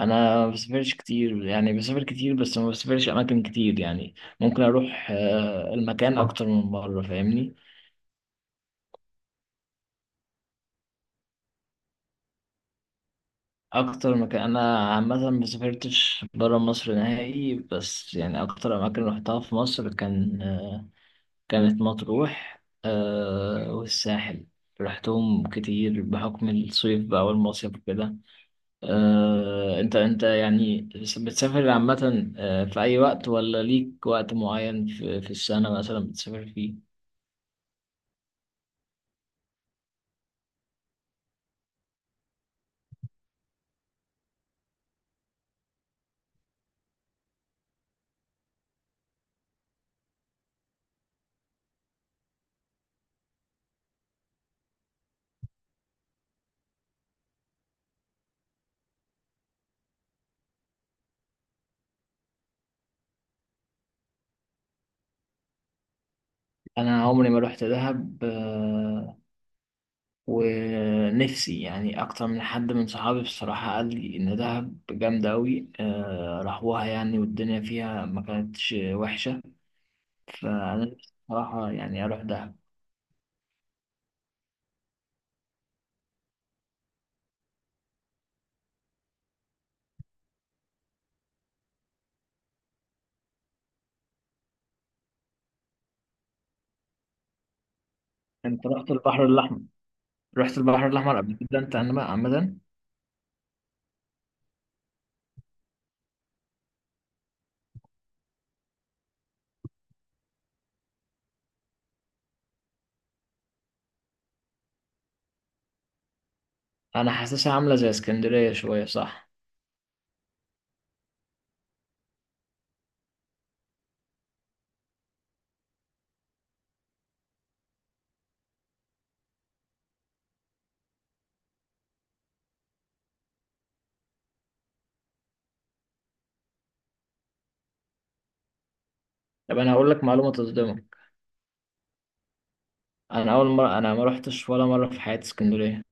انا ما بسافرش كتير يعني بسافر كتير بس ما بسافرش اماكن كتير يعني ممكن اروح المكان اكتر من مره فاهمني. اكتر مكان انا عامه ما سافرتش بره مصر نهائي، بس يعني اكتر اماكن رحتها في مصر كانت مطروح والساحل. رحتهم كتير بحكم الصيف بقى والمصيف وكده. انت يعني بتسافر عامة في اي وقت ولا ليك وقت معين في السنة مثلا بتسافر فيه؟ انا عمري ما روحت دهب ونفسي يعني اكتر من حد من صحابي بصراحة قال لي ان دهب جامدة اوي راحوها يعني والدنيا فيها ما كانتش وحشة. فانا نفسي بصراحة يعني اروح دهب. انت رحت البحر الاحمر رحت البحر الاحمر قبل كده انت عمدا؟ انا حاسسها عاملة زي اسكندرية شوية، صح؟ طب انا هقول لك معلومة تصدمك. انا اول مرة انا ما روحتش ولا مرة في حياتي اسكندرية.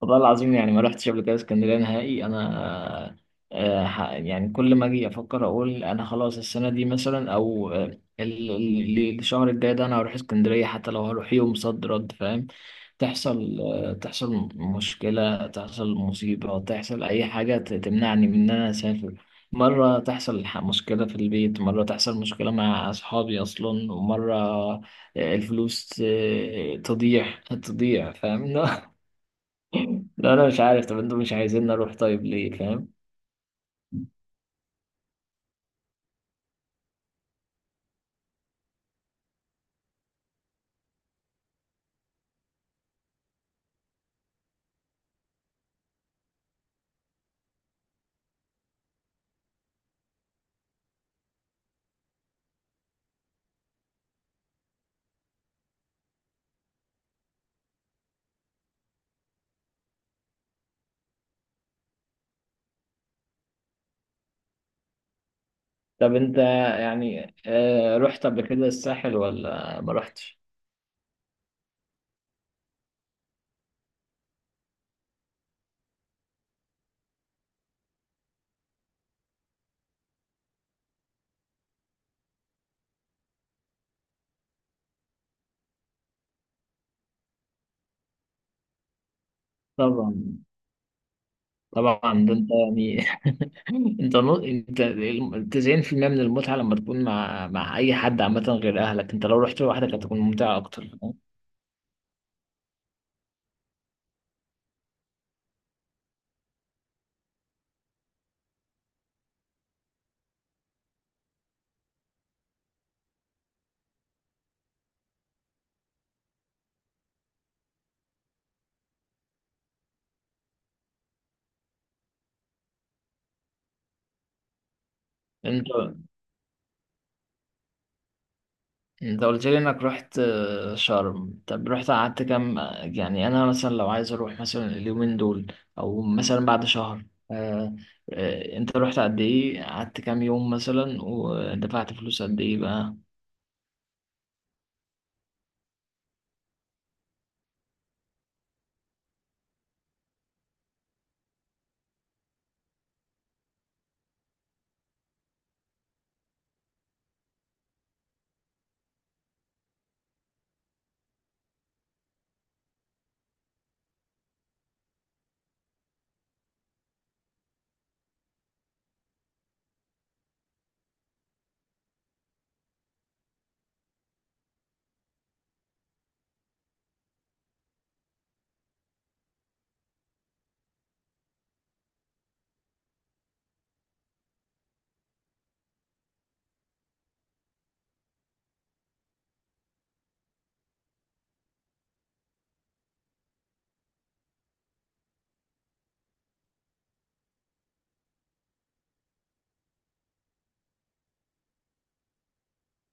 والله العظيم يعني ما رحتش قبل كده اسكندريه نهائي انا. يعني كل ما اجي افكر اقول انا خلاص السنه دي مثلا او ال- الشهر الجاي ده انا هروح اسكندريه حتى لو هروح يوم صد رد، فاهم. تحصل مشكله، تحصل مصيبه، تحصل اي حاجه تمنعني من ان انا اسافر. مره تحصل مشكله في البيت، مره تحصل مشكله مع اصحابي اصلا، ومره الفلوس تضيع فاهم. لا، انا مش عارف. طب انتوا مش عايزين نروح طيب، ليه؟ فاهم. طب انت يعني رحت قبل كده الساحل ولا ما رحتش؟ طبعا. طبعا ده انت يعني، انت نو... انت ال- 90% من المتعه لما تكون مع اي حد عامه غير اهلك. انت لو رحت لوحدك هتكون ممتعه اكتر، فاهم؟ انت انت قلت لي انك رحت شرم. طب رحت قعدت كام؟ يعني انا مثلا لو عايز اروح مثلا اليومين دول او مثلا بعد شهر، آه، انت رحت قد ايه، قعدت كام يوم مثلا ودفعت فلوس قد ايه بقى؟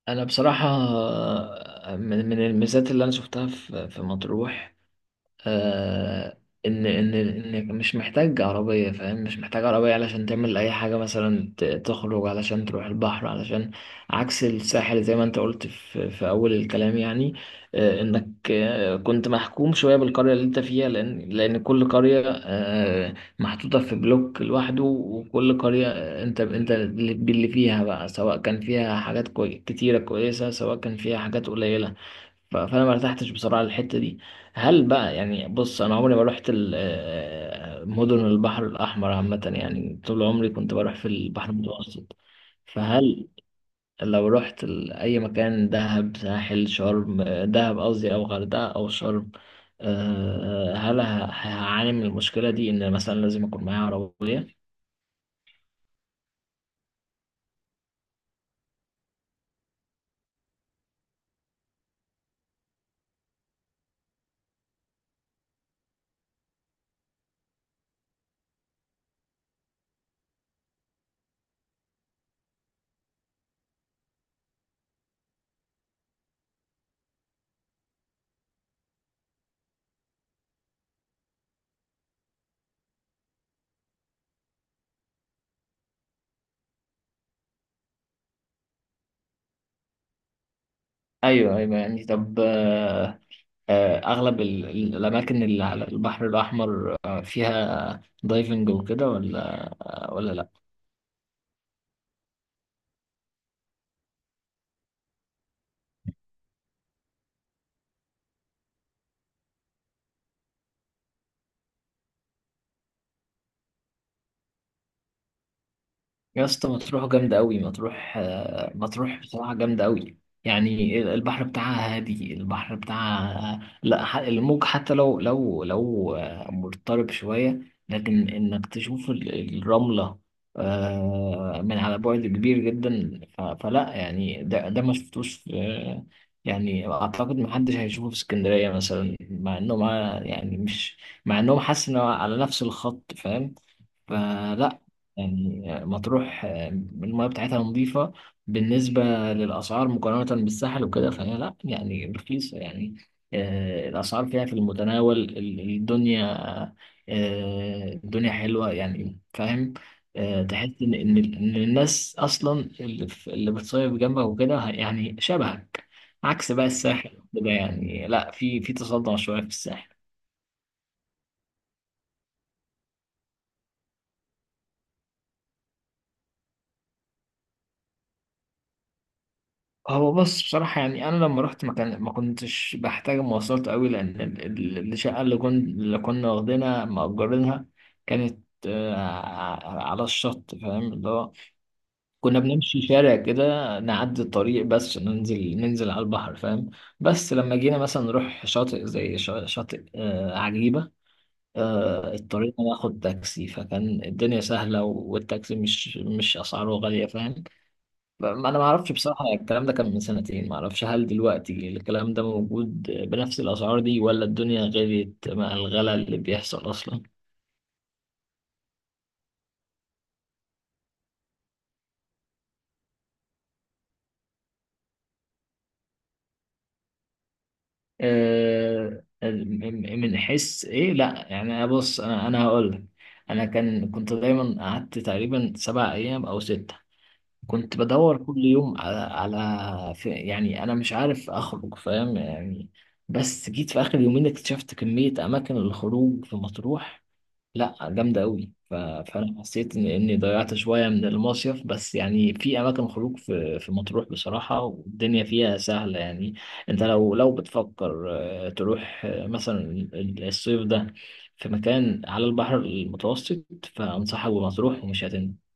انا بصراحة من الميزات اللي انا شفتها في مطروح آه، ان مش محتاج عربيه، فاهم. مش محتاج عربيه علشان تعمل اي حاجه، مثلا تخرج علشان تروح البحر، علشان عكس الساحل زي ما انت قلت في, اول الكلام يعني. انك كنت محكوم شويه بالقريه اللي انت فيها، لان كل قريه محطوطه في بلوك لوحده، وكل قريه انت اللي فيها بقى، سواء كان فيها حاجات كتيره كويسه سواء كان فيها حاجات قليله. فانا ما ارتحتش بصراحه للحته دي. هل بقى يعني بص انا عمري ما رحت مدن البحر الاحمر عامه، يعني طول عمري كنت بروح في البحر المتوسط. فهل لو رحت اي مكان، دهب ساحل شرم دهب قصدي، او غردقه او شرم هل هعاني من المشكله دي ان مثلا لازم اكون معايا عربيه؟ ايوه ايوه يعني طب اغلب الاماكن اللي على البحر الاحمر فيها دايفنج وكده، ولا لا؟ يا اسطى مطروح جامدة أوي. مطروح بصراحة جامدة أوي. يعني البحر بتاعها هادي، البحر بتاعها لا الموج حتى لو مضطرب شوية، لكن إنك تشوف الرملة من على بعد كبير جدا. فلا يعني ده ما شفتوش في يعني، أعتقد محدش هيشوفه في اسكندرية مثلا، مع إنه مع يعني مش مع إنهم، حاسس إنه على نفس الخط، فاهم. فلا يعني مطروح المياه بتاعتها نظيفة. بالنسبة للأسعار مقارنة بالساحل وكده، فهي لا يعني رخيصة يعني. الأسعار فيها في المتناول. الدنيا الدنيا حلوة يعني، فاهم. تحس إن الناس أصلا اللي اللي بتصيف جنبك وكده يعني شبهك. عكس بقى الساحل وكده، يعني لا في تصدع شوية في الساحل. هو بص بصراحة يعني، أنا لما رحت ما كنتش بحتاج مواصلات قوي، لأن الشقة اللي كنا واخدينها مأجرينها كانت على الشط، فاهم. اللي هو كنا بنمشي شارع كده، نعدي الطريق بس عشان ننزل، ننزل على البحر، فاهم. بس لما جينا مثلا نروح شاطئ زي شاطئ عجيبة. اضطرينا ناخد تاكسي فكان الدنيا سهلة، والتاكسي مش أسعاره غالية، فاهم. ما انا ما اعرفش بصراحه، الكلام ده كان من سنتين، ما اعرفش هل دلوقتي الكلام ده موجود بنفس الاسعار دي ولا الدنيا غليت مع الغلا اللي بيحصل اصلا. من حس ايه، لا يعني بص انا هقول لك. انا كنت دايما قعدت تقريبا 7 ايام او 6. كنت بدور كل يوم على في يعني، انا مش عارف اخرج، فاهم يعني. بس جيت في اخر يومين اكتشفت كميه اماكن الخروج في مطروح، لا جامدة أوي. فأنا حسيت إن إني ضيعت شوية من المصيف، بس يعني في أماكن خروج في مطروح بصراحة، والدنيا فيها سهلة يعني. أنت لو بتفكر تروح مثلا الصيف ده في مكان على البحر المتوسط، فأنصحك بمطروح ومش هتندم.